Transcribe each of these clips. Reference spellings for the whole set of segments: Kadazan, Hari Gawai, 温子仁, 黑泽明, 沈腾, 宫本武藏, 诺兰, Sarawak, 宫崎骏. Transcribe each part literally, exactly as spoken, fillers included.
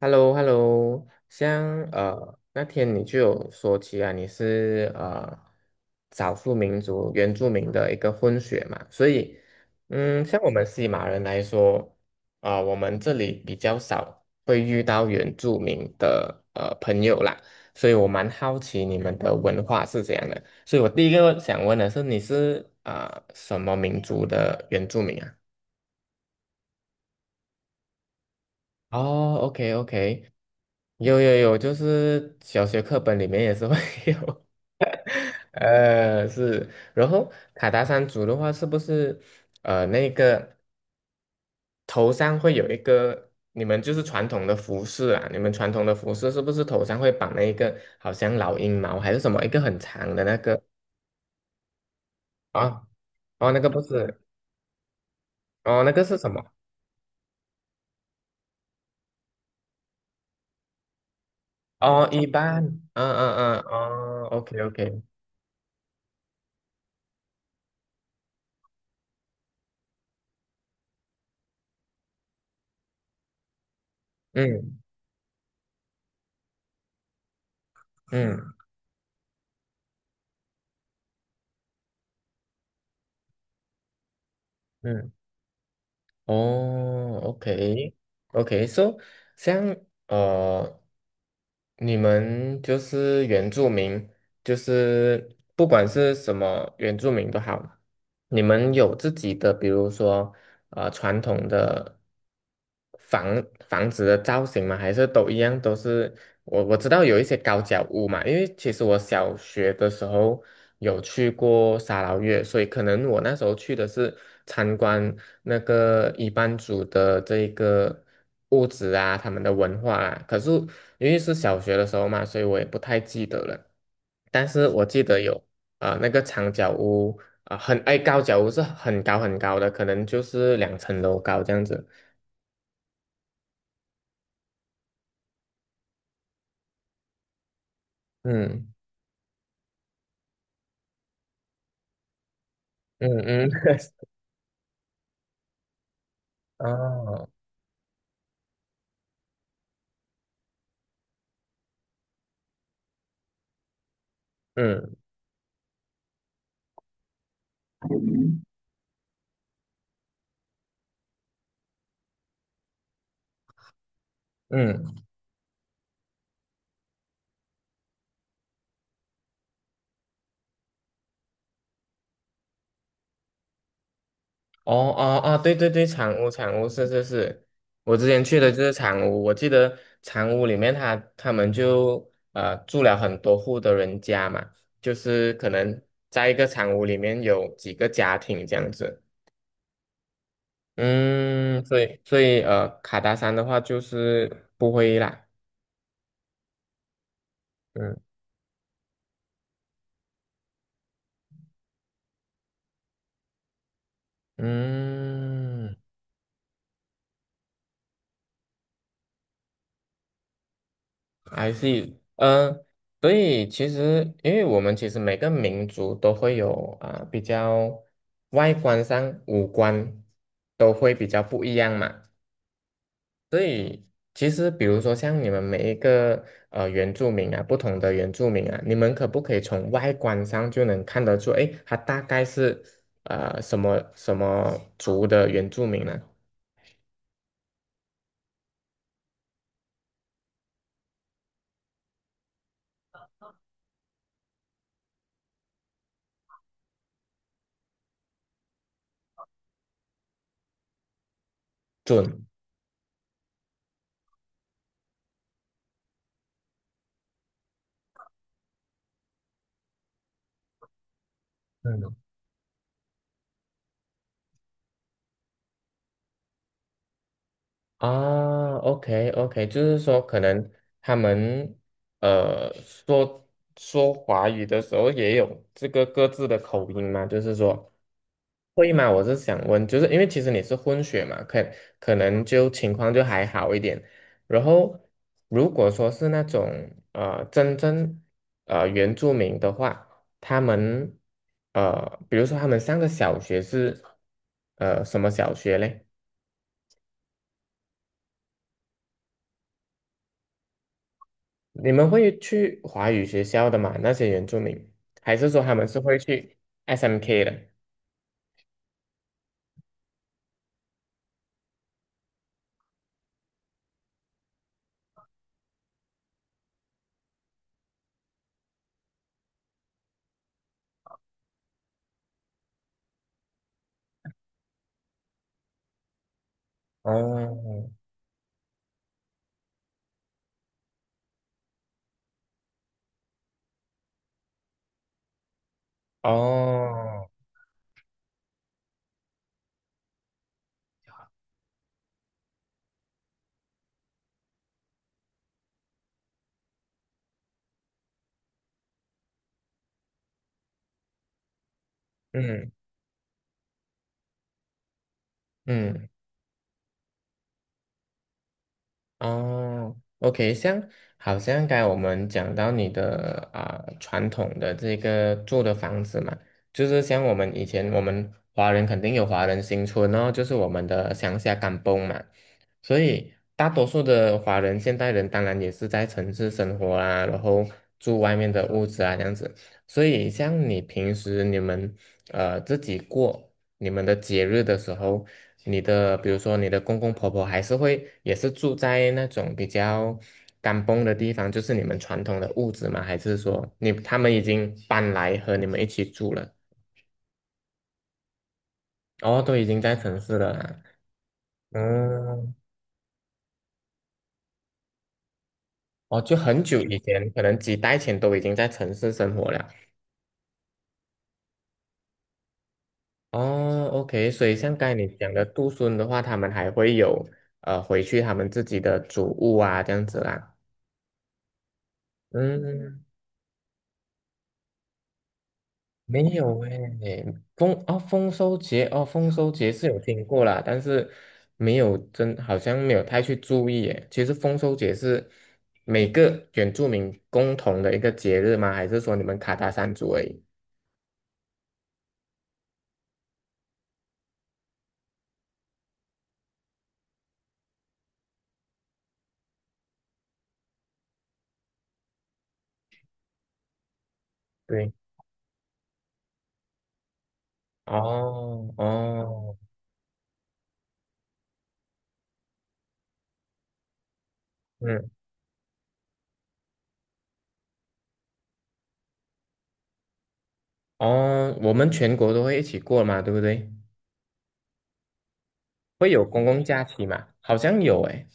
h e l l o， h e l l o， 像呃那天你就有说起啊，你是呃少数民族原住民的一个混血嘛，所以嗯，像我们西马人来说，啊、我们这里比较少会遇到原住民的呃朋友啦，所以我蛮好奇你们的文化是怎样的，所以我第一个想问的是，你是啊、什么民族的原住民啊？哦，OK OK，有有有，就是小学课本里面也是会 有，呃，是。然后卡达山族的话，是不是呃那个头上会有一个？你们就是传统的服饰啊，你们传统的服饰是不是头上会绑那一个好像老鹰毛还是什么一个很长的那个啊？哦，那个不是，哦，那个是什么？哦，一般，嗯嗯嗯，哦，OK OK，嗯嗯嗯。哦，OK，OK，So，像呃，你们就是原住民，就是不管是什么原住民都好，你们有自己的，比如说呃传统的房房子的造型吗？还是都一样都是？我我知道有一些高脚屋嘛，因为其实我小学的时候有去过沙劳越，所以可能我那时候去的是参观那个一班族的这个屋子啊，他们的文化啊。可是因为是小学的时候嘛，所以我也不太记得了。但是我记得有啊、呃那个长脚屋，啊、很哎高脚屋是很高很高的，可能就是两层楼高这样子。嗯嗯嗯，哦，嗯嗯，哦哦哦，对对对，长屋长屋是是是，我之前去的就是长屋，我记得长屋里面他他们就呃住了很多户的人家嘛，就是可能在一个长屋里面有几个家庭这样子。嗯，所以所以呃，卡达山的话就是不会啦。嗯嗯。I see，嗯，所以其实，因为我们其实每个民族都会有啊、比较外观上五官都会比较不一样嘛，所以其实比如说像你们每一个呃原住民啊，不同的原住民啊，你们可不可以从外观上就能看得出，诶，他大概是呃什么什么族的原住民呢？准，啊，OK OK，就是说可能他们呃说说华语的时候也有这个各自的口音嘛，就是说会吗？我是想问，就是因为其实你是混血嘛，可可能就情况就还好一点。然后如果说是那种呃真正呃原住民的话，他们呃比如说他们上的小学是呃什么小学嘞？你们会去华语学校的吗？那些原住民，还是说他们是会去 S M K 的？哦哦，嗯嗯。哦，OK，像好像刚才我们讲到你的啊、传统的这个住的房子嘛，就是像我们以前我们华人肯定有华人新村哦，就是我们的乡下甘崩嘛，所以大多数的华人现代人当然也是在城市生活啊，然后住外面的屋子啊这样子，所以像你平时你们呃自己过你们的节日的时候，你的比如说你的公公婆婆还是会也是住在那种比较干崩的地方，就是你们传统的屋子吗？还是说你他们已经搬来和你们一起住了？哦，都已经在城市了啦。嗯，哦，就很久以前，可能几代前都已经在城市生活了。哦，OK，所以像刚才你讲的杜孙的话，他们还会有呃回去他们自己的祖屋啊，这样子啦。嗯，没有诶，丰哦，丰收节哦，丰收节是有听过啦，但是没有真好像没有太去注意诶。其实丰收节是每个原住民共同的一个节日吗？还是说你们卡达山族而已？对，哦哦，嗯哦，我们全国都会一起过嘛，对不对？会有公共假期嘛？好像有诶，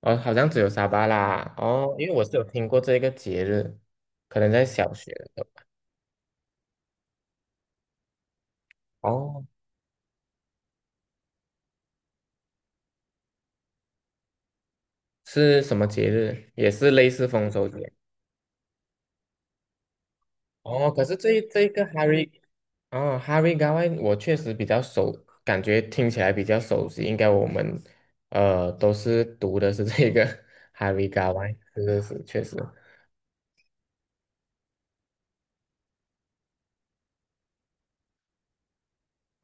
哦，好像只有沙巴啦，哦，因为我是有听过这个节日，可能在小学的时候。哦是什么节日？也是类似丰收节。哦，可是这一这一个 Hari 哦，Hari g a w a i 我确实比较熟，感觉听起来比较熟悉。应该我们呃都是读的是这个 Hari g a w a i 是是是，确实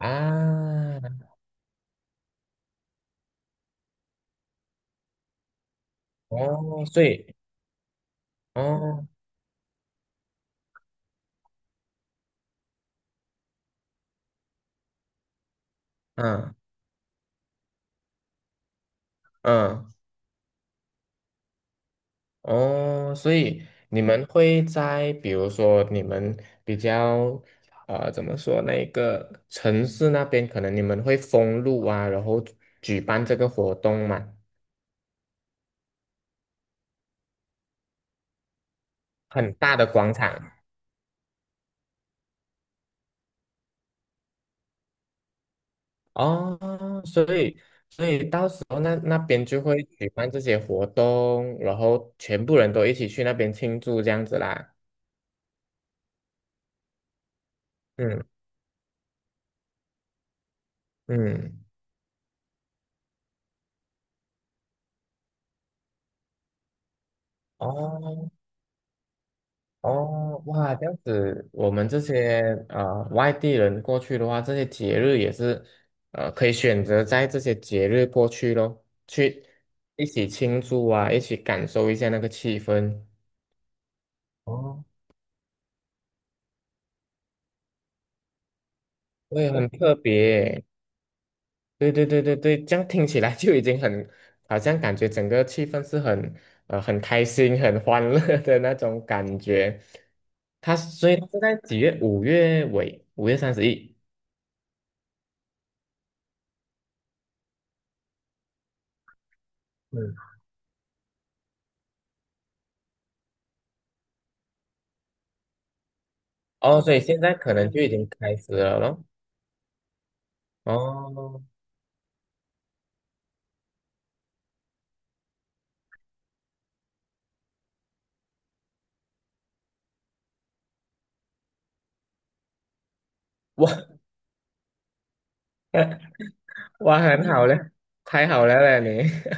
啊。哦，所以哦，嗯嗯，哦，所以你们会在比如说你们比较呃怎么说那个城市那边，可能你们会封路啊，然后举办这个活动嘛，很大的广场哦，所以所以到时候那那边就会举办这些活动，然后全部人都一起去那边庆祝这样子啦。嗯嗯，哦哦，哇，这样子，我们这些呃外地人过去的话，这些节日也是呃可以选择在这些节日过去咯，去一起庆祝啊，一起感受一下那个气氛。哦，会很特别。对对对对对，这样听起来 就已经很，好像感觉整个气氛是很呃很开心、很欢乐 的那种感觉。他所以它是在几月？五月尾，五月三十一。嗯。哦，所以现在可能就已经开始了咯。哦，哇哇，很好嘞，太好了嘞你，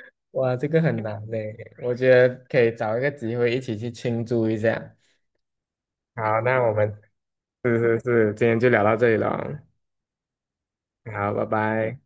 哇，这个很难嘞，我觉得可以找一个机会一起去庆祝一下。好，那我们是是是，今天就聊到这里了，好，拜拜。